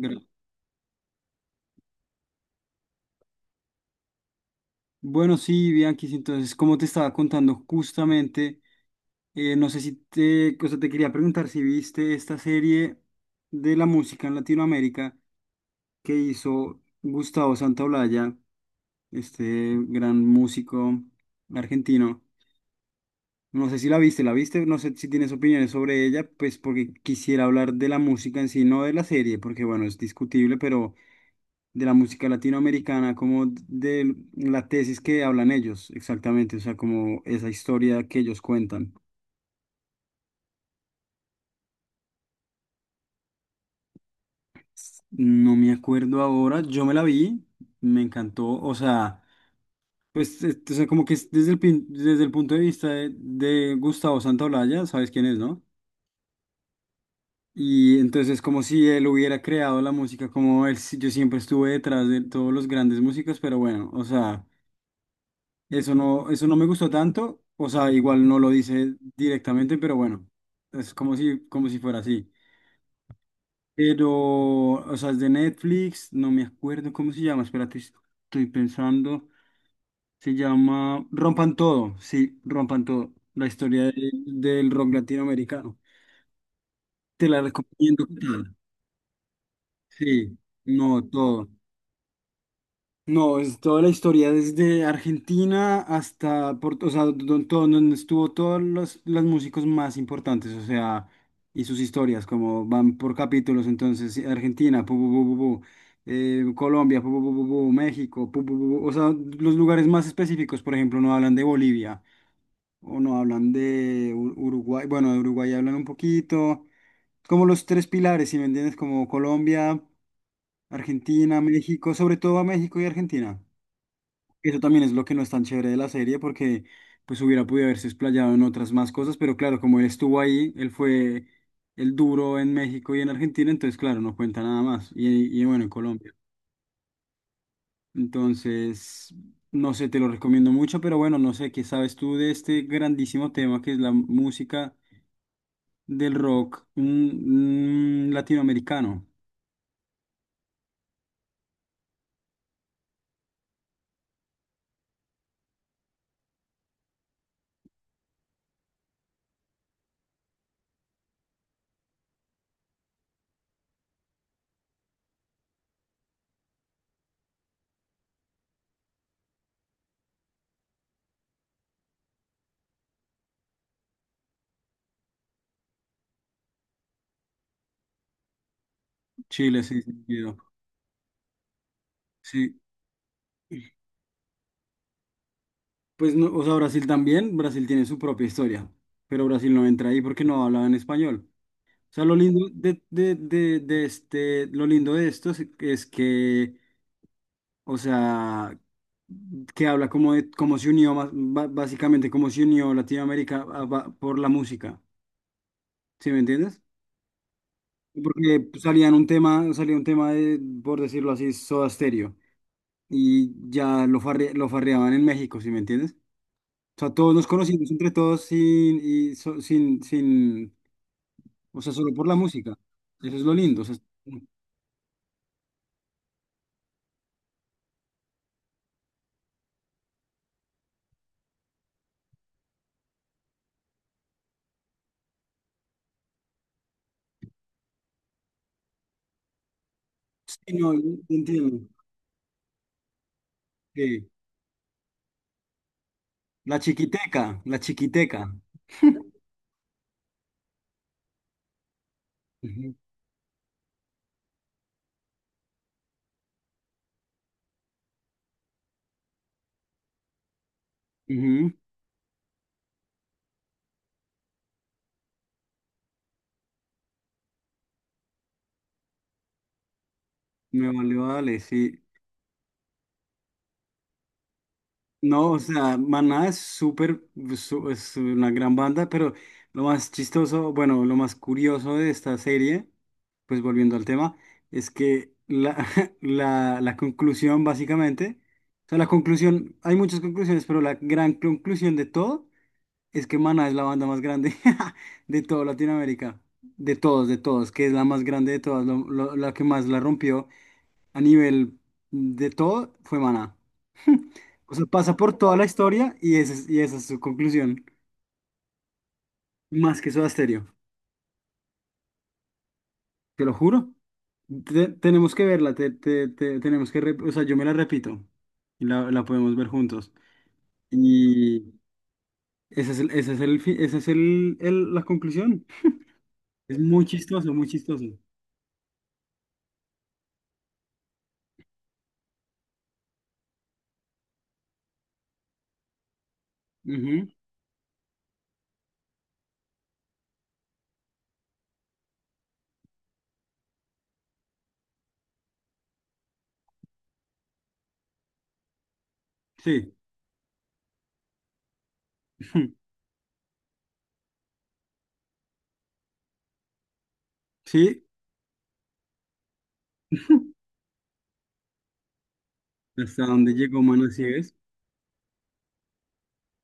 Gra- Bueno, sí, Bianquis, entonces, como te estaba contando justamente, no sé si te, o sea, te quería preguntar si viste esta serie de la música en Latinoamérica que hizo Gustavo Santaolalla, este gran músico argentino. No sé si la viste, no sé si tienes opiniones sobre ella, pues porque quisiera hablar de la música en sí, no de la serie, porque bueno, es discutible, pero de la música latinoamericana, como de la tesis que hablan ellos, exactamente, o sea, como esa historia que ellos cuentan. No me acuerdo ahora, yo me la vi, me encantó, o sea, pues, o sea, como que es desde el punto de vista de Gustavo Santaolalla, ¿sabes quién es, no? Y entonces es como si él hubiera creado la música, como él, yo siempre estuve detrás de todos los grandes músicos, pero bueno, o sea, eso no me gustó tanto, o sea, igual no lo dice directamente, pero bueno, es como si fuera así. Pero, o sea, es de Netflix, no me acuerdo cómo se llama, espérate, estoy pensando, se llama Rompan Todo, sí, Rompan Todo, la historia del rock latinoamericano. Te la recomiendo total. Sí, no, todo. No, es toda la historia, desde Argentina hasta, o sea, donde estuvo todos los músicos más importantes, o sea, y sus historias, como van por capítulos, entonces, sí, Argentina, pu, pu, pu, pu, pu, Colombia, pu, pu, pu, pu, pu, México, pu, pu, pu, pu, o sea, los lugares más específicos, por ejemplo, no hablan de Bolivia, o no hablan de Uruguay, bueno, de Uruguay hablan un poquito, como los tres pilares, si me entiendes, como Colombia, Argentina, México, sobre todo a México y Argentina. Eso también es lo que no es tan chévere de la serie, porque pues hubiera podido haberse explayado en otras más cosas, pero claro, como él estuvo ahí, él fue el duro en México y en Argentina, entonces claro, no cuenta nada más. Y bueno, en Colombia. Entonces, no sé, te lo recomiendo mucho, pero bueno, no sé, ¿qué sabes tú de este grandísimo tema que es la música del rock latinoamericano? Chile, sí, sí. Sí. Pues no, o sea, Brasil también, Brasil tiene su propia historia, pero Brasil no entra ahí porque no hablaba en español. O sea, lo lindo de este, lo lindo de esto es que, o sea, que habla como de, como se unió, básicamente como se unió Latinoamérica por la música, ¿sí me entiendes? Porque salía un tema de, por decirlo así, Soda Stereo, y ya lo farreaban en México, ¿sí me entiendes? O sea, todos nos conocimos entre todos sin, y so- sin, sin, o sea, solo por la música. Eso es lo lindo. O sea, sí, no, yo entiendo. Sí. La chiquiteca, la chiquiteca. Ujú, ujú. Me valió, dale, sí. No, o sea, Maná es súper, es una gran banda, pero lo más chistoso, bueno, lo más curioso de esta serie, pues volviendo al tema, es que la conclusión básicamente, o sea, la conclusión, hay muchas conclusiones, pero la gran conclusión de todo es que Maná es la banda más grande de toda Latinoamérica, de todos, que es la más grande de todas, la que más la rompió a nivel de todo fue Maná. O sea, pasa por toda la historia y esa es su conclusión. Más que Soda Stereo, te lo juro. Tenemos que verla, tenemos que, o sea, yo me la repito y la podemos ver juntos. Y ese es el, fi- ese la conclusión. Es muy chistoso, muy chistoso. Ujú. Sí, sí, hasta dónde llegó Maná, si ves,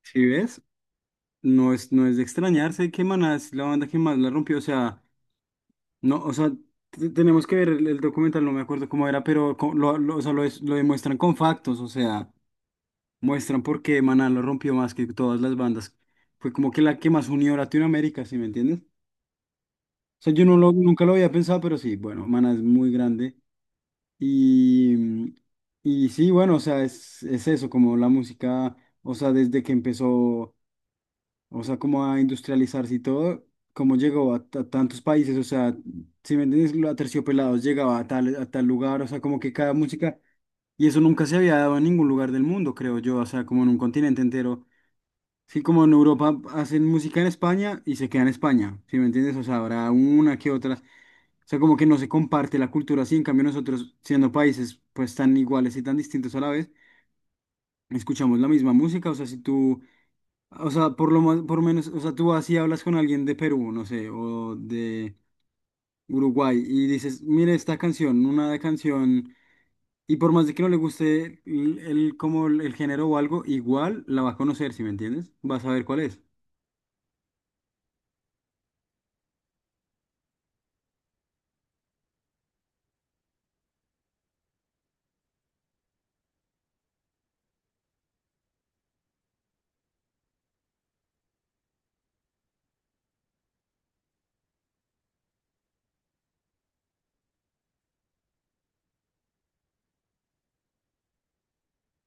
si ves, no es de extrañarse que Maná es la banda que más la rompió, o sea. No, o sea, tenemos que ver el documental, no me acuerdo cómo era, pero o sea, lo demuestran con factos, o sea, muestran por qué Maná lo rompió más que todas las bandas. Fue como que la que más unió a Latinoamérica, ¿sí me entiendes? O sea, yo no lo, nunca lo había pensado, pero sí, bueno, Maná es muy grande. Y, y sí, bueno, o sea, es eso, como la música, o sea, desde que empezó. O sea, como a industrializarse y todo, cómo llegó a, tantos países, o sea, si me entiendes, lo Aterciopelados llegaba a tal lugar, o sea, como que cada música, y eso nunca se había dado en ningún lugar del mundo, creo yo, o sea, como en un continente entero. Sí, como en Europa hacen música en España y se queda en España, si me entiendes, o sea, habrá una que otra. O sea, como que no se comparte la cultura así, en cambio nosotros, siendo países pues tan iguales y tan distintos a la vez, escuchamos la misma música, o sea, si tú, o sea, por lo más, por menos, o sea, tú así hablas con alguien de Perú, no sé, o de Uruguay, y dices, mire esta canción, una de canción, y por más de que no le guste como el género o algo, igual la va a conocer, ¿si me entiendes? Va a saber cuál es.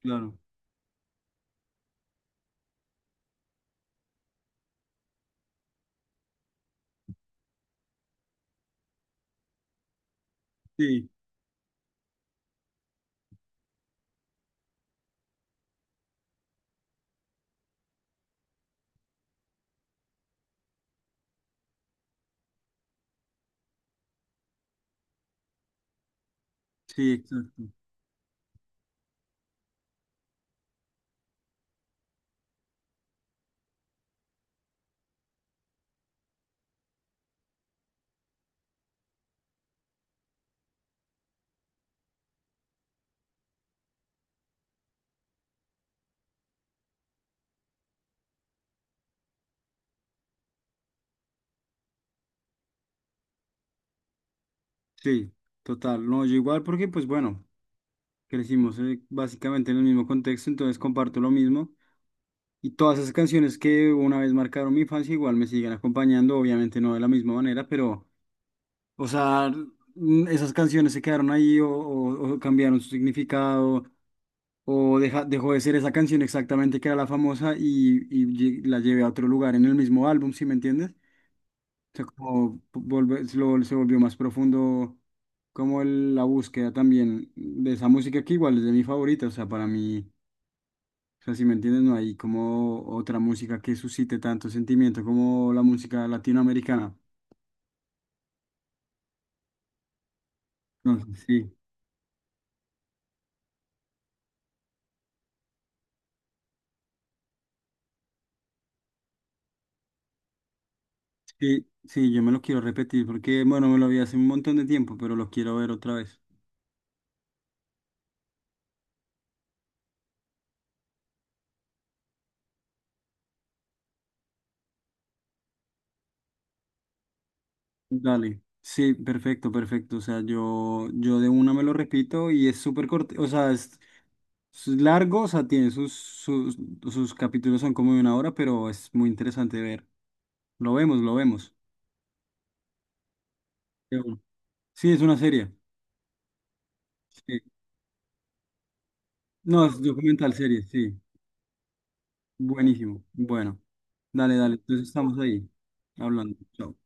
Claro. Sí, sí, exacto. Sí, total. No, yo igual porque, pues bueno, crecimos básicamente en el mismo contexto, entonces comparto lo mismo. Y todas esas canciones que una vez marcaron mi infancia igual me siguen acompañando, obviamente no de la misma manera, pero, o sea, esas canciones se quedaron ahí o cambiaron su significado o dejó de ser esa canción exactamente que era la famosa y la llevé a otro lugar en el mismo álbum, ¿sí me entiendes? O sea, como se volvió más profundo como la búsqueda también de esa música que igual es de mi favorita, o sea, para mí. O sea, si me entiendes, no hay como otra música que suscite tanto sentimiento como la música latinoamericana. Entonces, sí, sí, sí, yo me lo quiero repetir porque, bueno, me lo vi hace un montón de tiempo, pero lo quiero ver otra vez. Dale. Sí, perfecto, perfecto. O sea, yo de una me lo repito y es súper corto, o sea, es largo, o sea, tiene sus capítulos son como de una hora, pero es muy interesante ver. Lo vemos, lo vemos. De una. Sí, es una serie. Sí. No, es documental serie, sí. Buenísimo. Bueno, dale, dale. Entonces estamos ahí hablando. Chao.